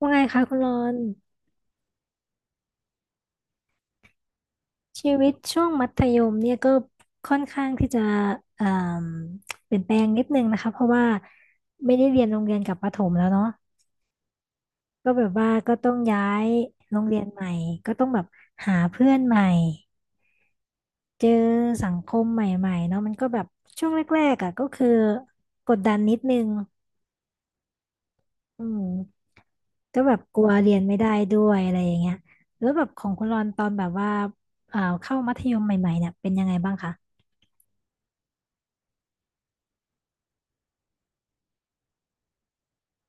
ว่าไงคะคุณรอนชีวิตช่วงมัธยมเนี่ยก็ค่อนข้างที่จะเอ่มเปลี่ยนแปลงนิดนึงนะคะเพราะว่าไม่ได้เรียนโรงเรียนกับประถมแล้วเนาะก็แบบว่าก็ต้องย้ายโรงเรียนใหม่ก็ต้องแบบหาเพื่อนใหม่เจอสังคมใหม่ๆเนาะมันก็แบบช่วงแรกๆอ่ะก็คือกดดันนิดนึงอืมก็แบบกลัวเรียนไม่ได้ด้วยอะไรอย่างเงี้ยแล้วแบบของคุณรอนตอนแบบว่าเข้ามัธยมใหม่ๆเนี่ยเป็นยังไงบ้างคะ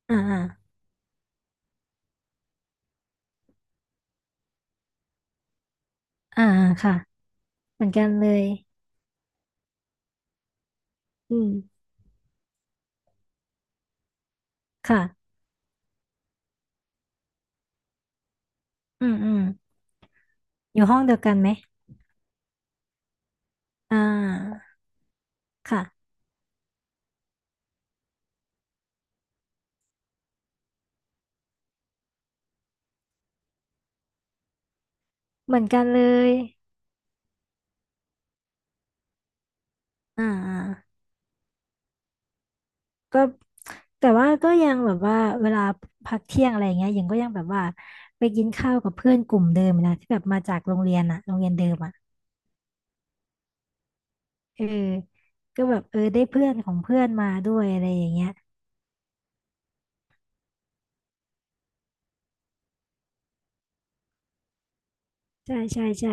อ่า อ่าค่ะเหมือนกันเลยอืมค่ะอืมอืมอยู่ห้องเดียวกันไหมอ่าค่ะเหมือนกันเลยอ่าอ่าก็แต่ว่าก็ยังแบบว่าเวลาพักเที่ยงอะไรอย่างเงี้ยหญิงก็ยังแบบว่าไปกินข้าวกับเพื่อนกลุ่มเดิมนะที่แบบมาจากโรงเรียนอะโรงเรียนเดิมอะเออก็แบบเออได้เพื่อนของเพื่อนมาด้วยอะไรอย่างเงี้ยใช่ใช่ใช่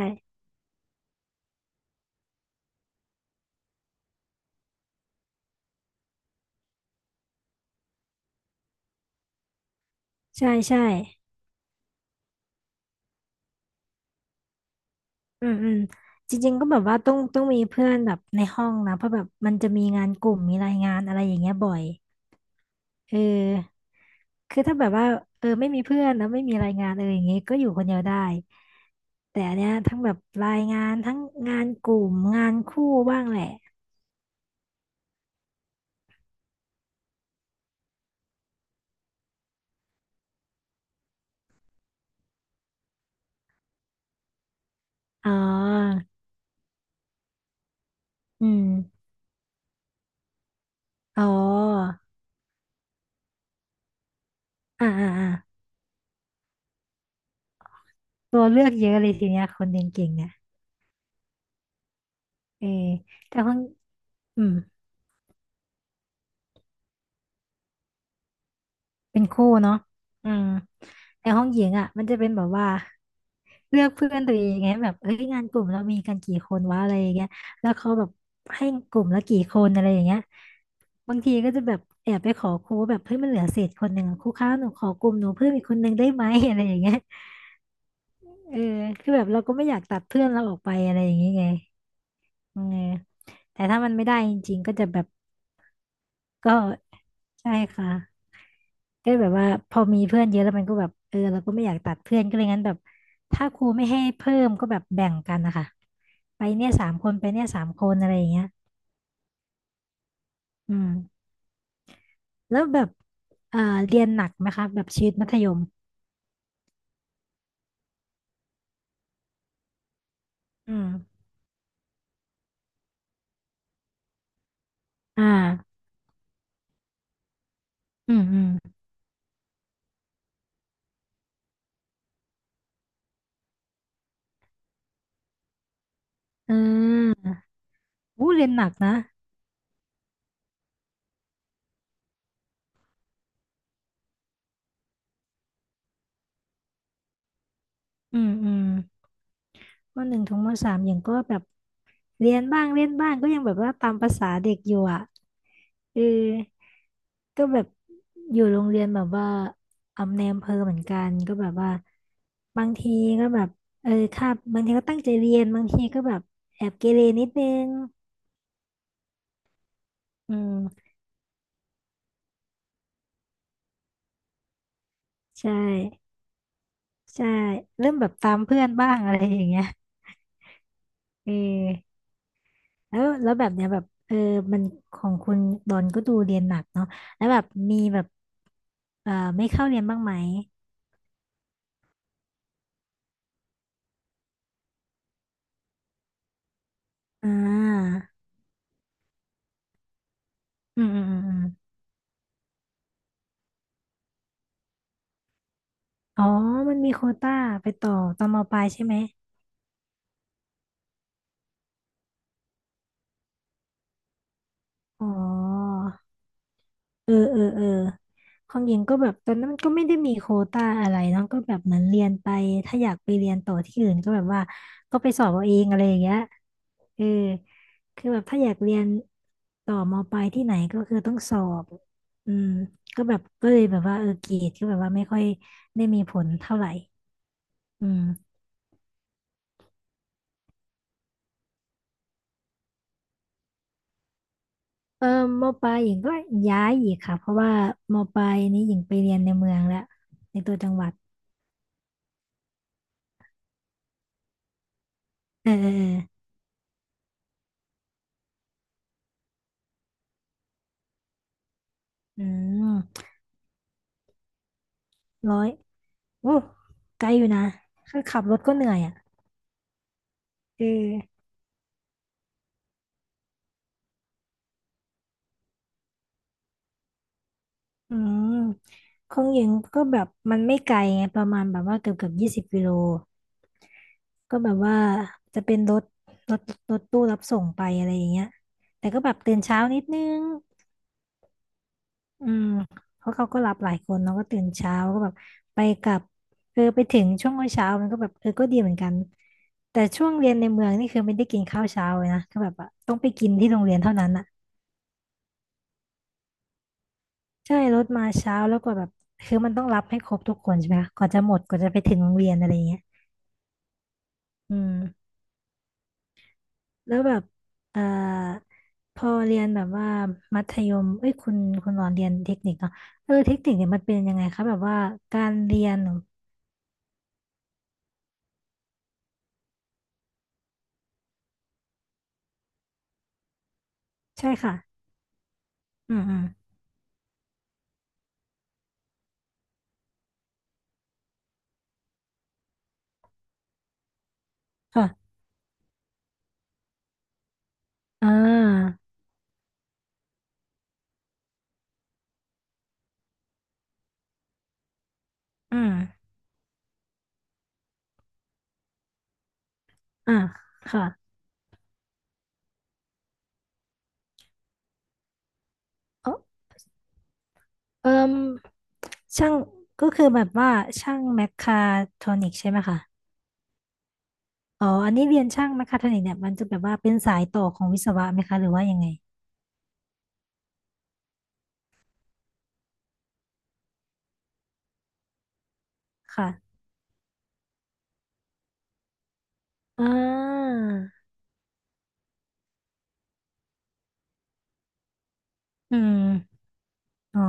ใช่ใช่ อืมอืมจริงๆก็แบบว่าต้องมีเพื่อนแบบในห้องนะเพราะแบบมันจะมีงานกลุ่มมีรายงานอะไรอย่างเงี้ยบ่อยเออคือถ้าแบบว่าเออไม่มีเพื่อนแล้วไม่มีรายงานเอออย่างเงี้ยก็อยู่คนเดียวได้แต่อันเนี้ยทั้งแบบรายงานทั้งงานกลุ่มงานคู่บ้างแหละอ๋ออืมอ๋ออ่าอ่าอ่าตัวเลือกเยอะเลยทีเนี้ยคนเรียนเก่งเนี่ยเออแต่คนอืม เป็นคู่เนาะอืมในห้องหญิงอ่ะมันจะเป็นแบบว่าเลือกเพื่อนตัวเองไงแบบเอ้ยงานกลุ่มเรามีกันกี่คนวะอะไรอย่างเงี้ยแล้วเขาแบบให้กลุ่มละกี่คนอะไรอย่างเงี้ยบางทีก็จะแบบแอบไปขอครูว่าแบบเฮ้ยมันเหลือเศษคนหนึ่งอะครูคะหนูขอกลุ่มหนูเพิ่มอีกคนหนึ่งได้ไหม อะไรอย่างเงี้ยเออคือแบบเราก็ไม่อยากตัดเพื่อนเราออกไปอะไรอย่างเงี้ยไงเออแต่ถ้ามันไม่ได้จริงๆก็จะแบบก็ใช่ค่ะ ก็แบบว่าพอมีเพื่อนเยอะแล้วมันก็แบบเออเราก็ไม่อยากตัดเพื่อนก็เลยงั้นแบบถ้าครูไม่ให้เพิ่มก็แบบแบ่งกันนะคะไปเนี่ยสามคนไปเนี่ยสามคนอะไรอย่างเงี้ยอืมแล้วแบบอ่าเรียนหนักไหมคะแบบชีวิตมัธยมอืมอ่าอืมอืมอืมอู้เรียนหนักนะอืมอืมม.1 ถึง ม.3อย่างก็แบบเรียนบ้างเล่นบ้างก็ยังแบบว่าตามภาษาเด็กอยู่อ่ะเออ ก็แบบอยู่โรงเรียนแบบว่าอำในอำเภอเหมือนกันก็แบบว่าบางทีก็แบบเออคาบบางทีก็ตั้งใจเรียนบางทีก็แบบแอบเกเรนิดนึงอืมใช่ใช่เริ่มแบบตามเพื่อนบ้างอะไรอย่างเงี้ยเออแล้วแบบเนี้ยแบบเออมันของคุณดอนก็ดูเรียนหนักเนาะแล้วแบบมีแบบไม่เข้าเรียนบ้างไหมอ่าอืมอืมอืมอมอ๋อมันมีโควต้าไปต่อตอนมปลายใช่ไหม อ๋อเออเออเออของหญิงก็แบบตอนนั้นมันก็ไม่ได้มีโควต้าอะไรเนาะก็แบบเหมือนเรียนไปถ้าอยากไปเรียนต่อที่อื่นก็แบบว่าก็ไปสอบเอาเองอะไรอย่างเงี้ยเออคือแบบถ้าอยากเรียนต่อมปลายที่ไหนก็คือต้องสอบอืมก็แบบก็เลยแบบว่าเออเกรดก็แบบว่าไม่ค่อยได้มีผลเท่าไหร่อืมเออมปลายหญิงก็ย้ายอีกค่ะเพราะว่ามปลายนี้หญิงไปเรียนในเมืองแล้วในตัวจังหวัดเออเออเอออืม ร้อยโอ้ไกลอยู่นะคือขับรถก็เหนื่อยอ่ะเอออืมของหญิงก็แบบมันไม่ไกลไงประมาณแบบว่าเกือบ20 กิโลก็แบบว่าจะเป็นรถรถตู้รับส่งไปอะไรอย่างเงี้ยแต่ก็แบบตื่นเช้านิดนึงอืมเพราะเขาก็รับหลายคนเนาะก็ตื่นเช้าก็แบบไปกลับเออไปถึงช่วงเช้ามันก็แบบเออก็ดีเหมือนกันแต่ช่วงเรียนในเมืองนี่คือไม่ได้กินข้าวเช้าเลยนะก็แบบอะต้องไปกินที่โรงเรียนเท่านั้นอะ ใช่รถมาเช้าแล้วกว่าแบบคือมันต้องรับให้ครบทุกคนใช่ไหมคะกว่าจะหมดกว่าจะไปถึงโรงเรียนอะไรอย่างเงี้ยอืมแล้วแบบเอ่อพอเรียนแบบว่ามัธยมเอ้ยคุณหลอนเรียนเทคนิคเนาะเออเทคนิคเนี่ยมันเป็นยังไงคะแบบว่าการเรียนเหรอใช่ค่ะอืมอืมค่ะอ่าอืมอ่าค่ะเออเอิ่มช่างก็คือแบบว่าช่างแมคคาโทรอนิกใช่ไหมคะ อ๋ออันนี้เรียนช่างนะคะท่านเนี่ยมันจะแบบว่าเป็นสายต่อของวิศวะไหมคะหรือว่ายังไงค่ะอ่าอืมอ๋อ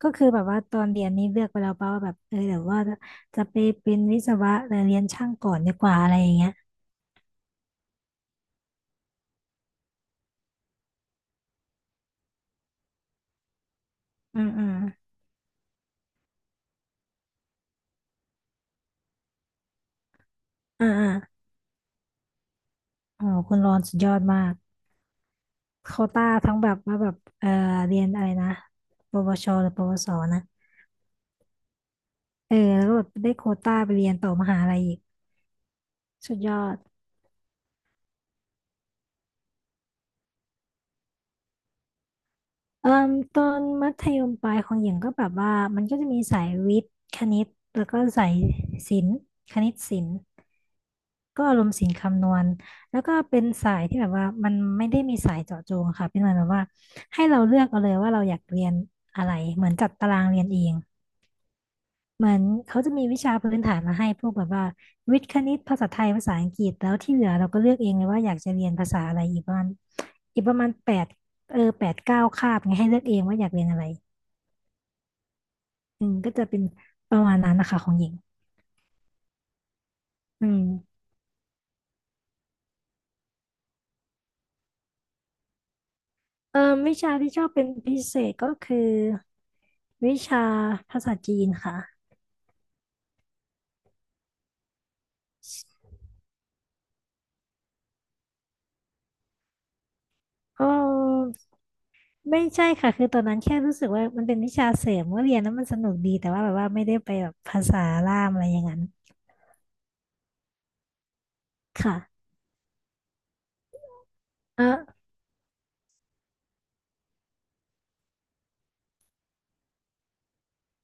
ก็คือแบบว่าตอนเรียนนี้เลือกไปแล้วป่ะว่าแบบเออเดี๋ยวว่าจะไปเป็นวิศวะแต่เรียนช่างก่อนดีกว่าอะไรอย่างเงี้ยอืมอืมอ่าอ่าอ๋อคุณรอนสุดยอดมากโควต้าทั้งแบบว่าแบบเออเรียนอะไรนะปวชหรือปวสนะเออแล้วก็แบบได้โควต้าไปเรียนต่อมหาลัยอีกสุดยอด เอ่มตอนมัธยมปลายของหญิงก็แบบว่ามันก็จะมีสายวิทย์คณิตแล้วก็สายศิลป์คณิตศิลป์ก็อารมณ์ศิลป์คำนวณแล้วก็เป็นสายที่แบบว่ามันไม่ได้มีสายเจาะจงค่ะเป็นเหมือนแบบว่าให้เราเลือกเอาเลยว่าเราอยากเรียนอะไรเหมือนจัดตารางเรียนเอง เหมือนเขาจะมีวิชาพื้นฐานมาให้พวกแบบว่าวิทย์คณิตภาษาไทยภาษาอังกฤษแล้วที่เหลือเราก็เลือกเองเลยว่าอยากจะเรียนภาษาอะไรอีกประมาณอีกประมาณ8-9 คาบไงให้เลือกเองว่าอยากเรียนอะไรอืมก็จะเป็นประมาณนั้นนะคะของหญิงอืมเออวิชาที่ชอบเป็นพิเศษก็คือวิชาภาษาจีนค่ะก็ไม่ใช่ค่ะคือตอนนั้นแค่รู้สึกว่ามันเป็นวิชาเสริมว่าเรียนแล้วมันสนุกดีแต่ว่าแบบว่าไม่ได้ไปแบบภาษาล่ามอะไรอย่างนั้นค่ะเออ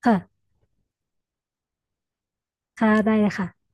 ค่ะ ค่ะได้เลยค่ะ